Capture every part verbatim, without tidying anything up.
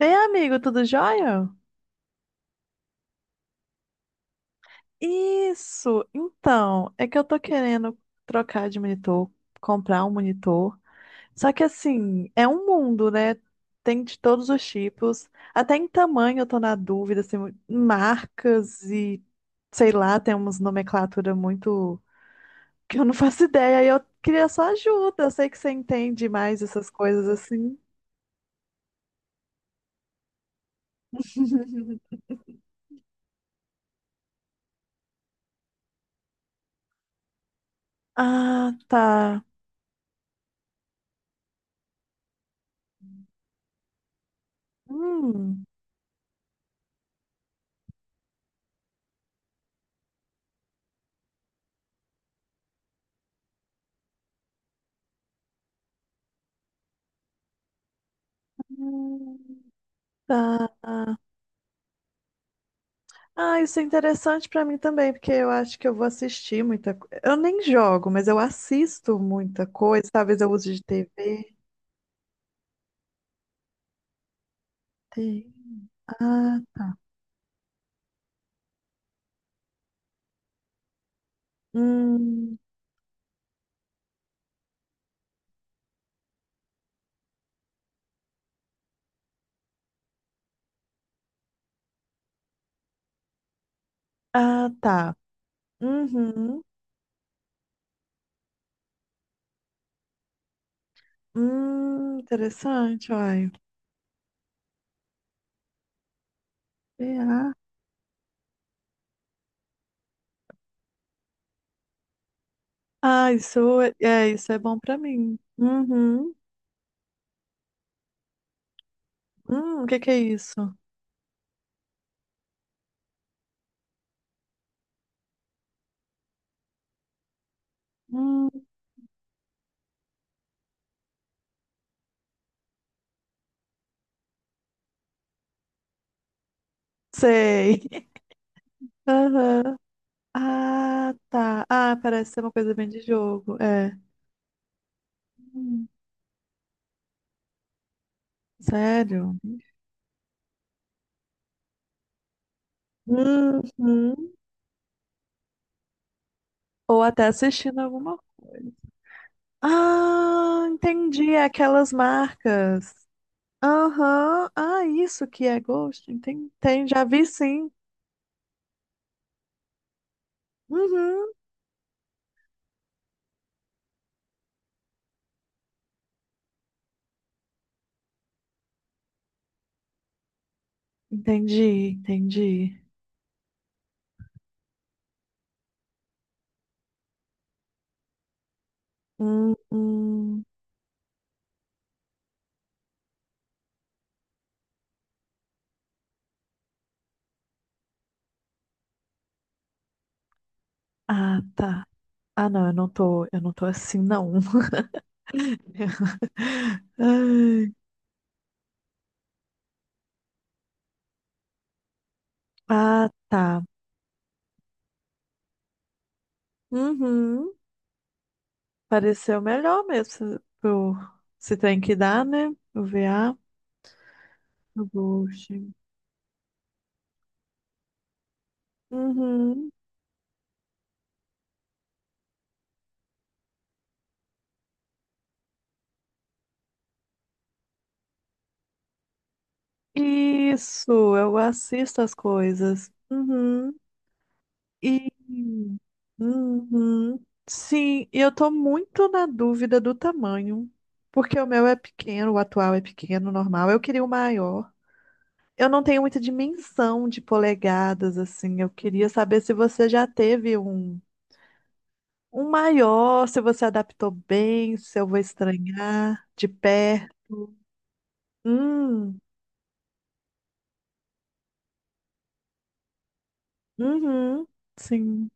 Ei, amigo, tudo jóia? Isso! Então, é que eu tô querendo trocar de monitor, comprar um monitor. Só que assim, é um mundo, né? Tem de todos os tipos. Até em tamanho eu tô na dúvida, assim, marcas e sei lá, tem umas nomenclatura muito que eu não faço ideia. E eu queria só ajuda. Eu sei que você entende mais essas coisas assim. Ah, tá. Hum. Hum, tá. Ah, isso é interessante pra mim também, porque eu acho que eu vou assistir muita coisa. Eu nem jogo, mas eu assisto muita coisa. Talvez eu use de T V. Tem- Ah, hum, ah, tá. Uhum. Hum, interessante, olha. É, Ah, isso é, é, isso é bom pra mim. Uhum. Hum, o que que é isso? Hum, sei. Aham. Ah, tá. Ah, parece ser uma coisa bem de jogo. É. Hum, sério? Uhum. Ou até assistindo alguma coisa. Ah, entendi. É aquelas marcas. Aham. Ah, isso que é Ghost. Entendi. Já vi sim. Uhum. Entendi, entendi. Hum, hum. Ah, tá. Ah, não, eu não tô, eu não tô assim, não. Ai. Ah, tá. Uhum. Pareceu melhor mesmo se, pro, se tem que dar, né? O V A, o Ghost. Uhum. Isso, eu assisto as coisas. Uhum. E uhum. Sim, e eu tô muito na dúvida do tamanho, porque o meu é pequeno, o atual é pequeno, normal. Eu queria o maior. Eu não tenho muita dimensão de polegadas assim. Eu queria saber se você já teve um um maior, se você adaptou bem, se eu vou estranhar de perto. Hum, uhum, sim.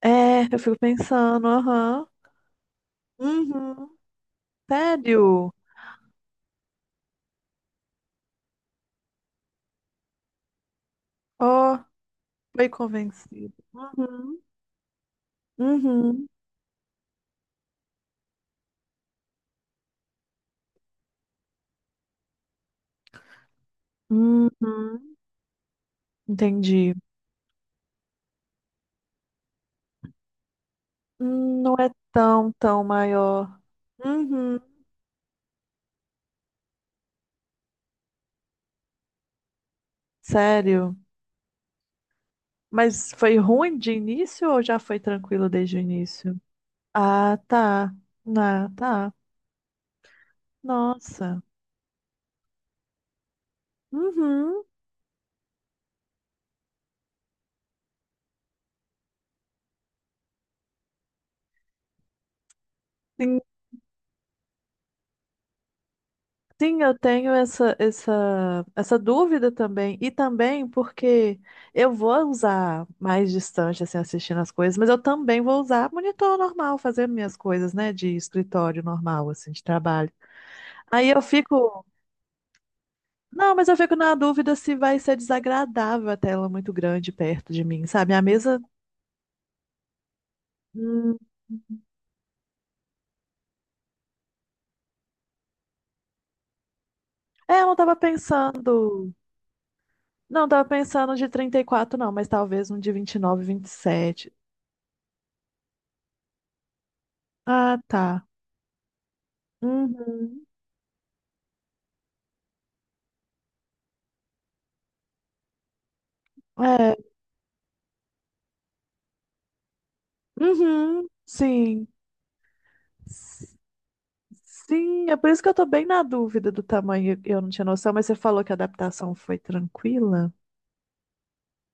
É, eu fico pensando, aham. Uhum. Sério? Ó, foi convencido. Uhum. Uhum. Uhum. Entendi. Hum, Não é tão, tão maior. Uhum. Sério? Mas foi ruim de início ou já foi tranquilo desde o início? Ah, tá. Ah, tá. Nossa. Uhum. Sim, eu tenho essa, essa, essa dúvida também. E também porque eu vou usar mais distante, assim, assistindo as coisas, mas eu também vou usar monitor normal, fazer minhas coisas, né, de escritório normal, assim, de trabalho. Aí eu fico. Não, mas eu fico na dúvida se vai ser desagradável a tela muito grande perto de mim, sabe? A mesa. Hum, é, eu não tava pensando. Não, tava pensando de trinta e quatro não, mas talvez um de vinte vinte e nove, vinte e sete. Ah, tá. Uhum. É. Uhum, sim. S- Sim, é por isso que eu tô bem na dúvida do tamanho. Eu não tinha noção, mas você falou que a adaptação foi tranquila?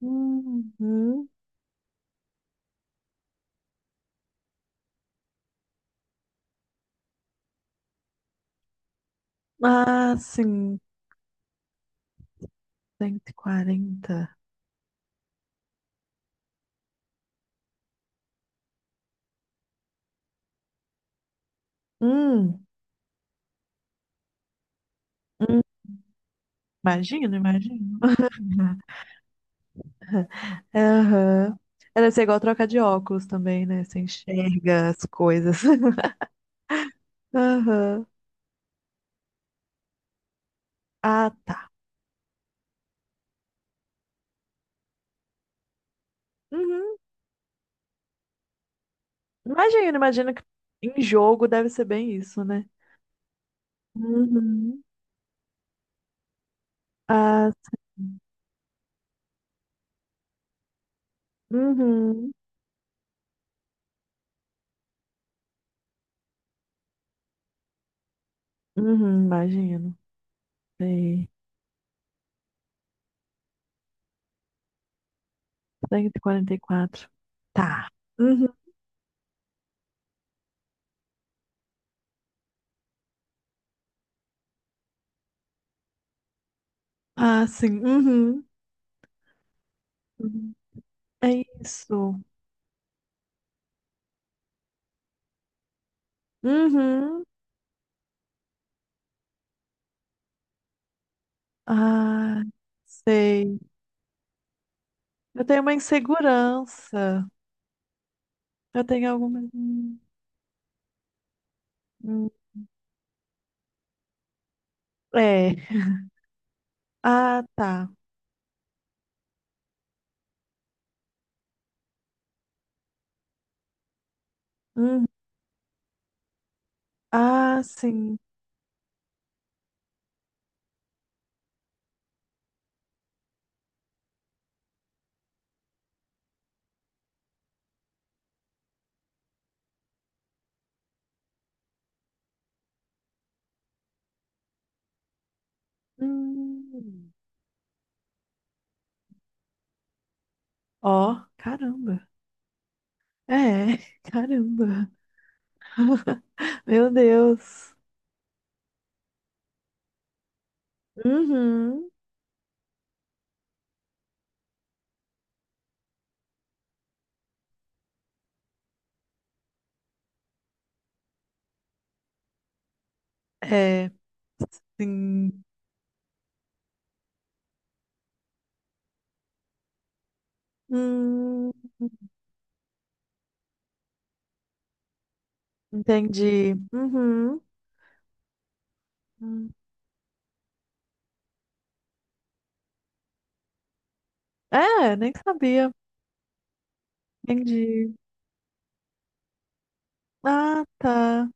Uhum. Ah, sim, cento e quarenta. Hum, hum. Imagino, imagino. Aham. É, deve ser igual trocar de óculos também, né? Você enxerga as coisas. Aham. Ah, tá. Uhum. Imagino, imagino que em jogo deve ser bem isso, né? Uhum. Ah, sim. Uhum. Uhum, imagino. Sei. cento e quarenta e quatro. Tá. Uhum. Ah, sim. Uhum. Uhum. É isso. Uhum. Ah, sei. Eu tenho uma insegurança. Eu tenho alguma. Hum, hum. É. Ah, tá. Uhum. Ah, sim. Hum. Ó, caramba. É, caramba. Meu Deus. Uhum. É. Sim. Hum, entendi. Uhum. Hum. É, nem sabia. Entendi. Ah, tá.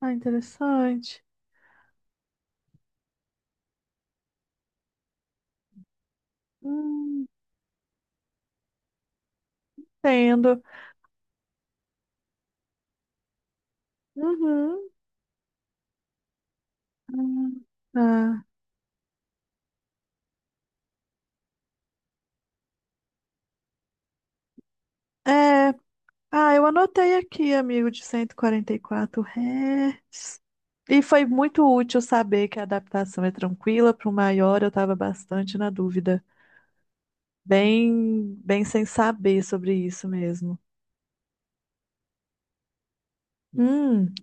Ah, interessante. Hum, entendo. Uhum. Hum, tá. É. Ah, eu anotei aqui, amigo, de cento e quarenta e quatro hertz Hz. E foi muito útil saber que a adaptação é tranquila. Para o maior, eu estava bastante na dúvida. Bem, bem sem saber sobre isso mesmo. Hum.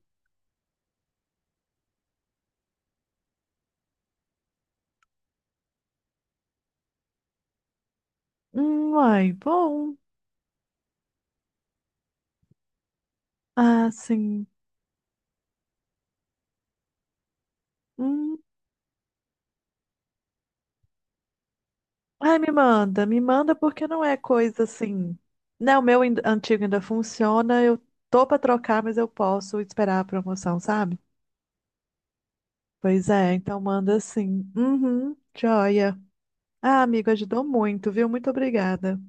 Hum, ai, bom. Ah, sim. Hum. Ai, me manda, me manda porque não é coisa assim. Não, o meu ainda- antigo ainda funciona, eu tô pra trocar, mas eu posso esperar a promoção, sabe? Pois é, então manda sim. Uhum, joia. Ah, amigo, ajudou muito, viu? Muito obrigada.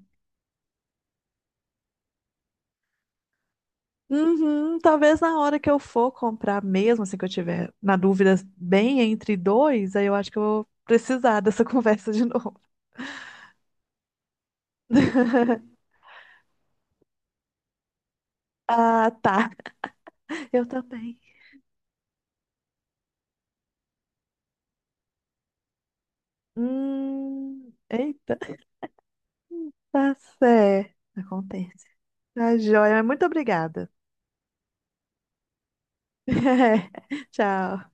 Uhum, talvez na hora que eu for comprar mesmo, assim que eu tiver na dúvida bem entre dois, aí eu acho que eu vou precisar dessa conversa de novo. Ah, tá. Eu também. Hum, eita, tá certo. Acontece. Tá joia, mas muito obrigada. Tchau.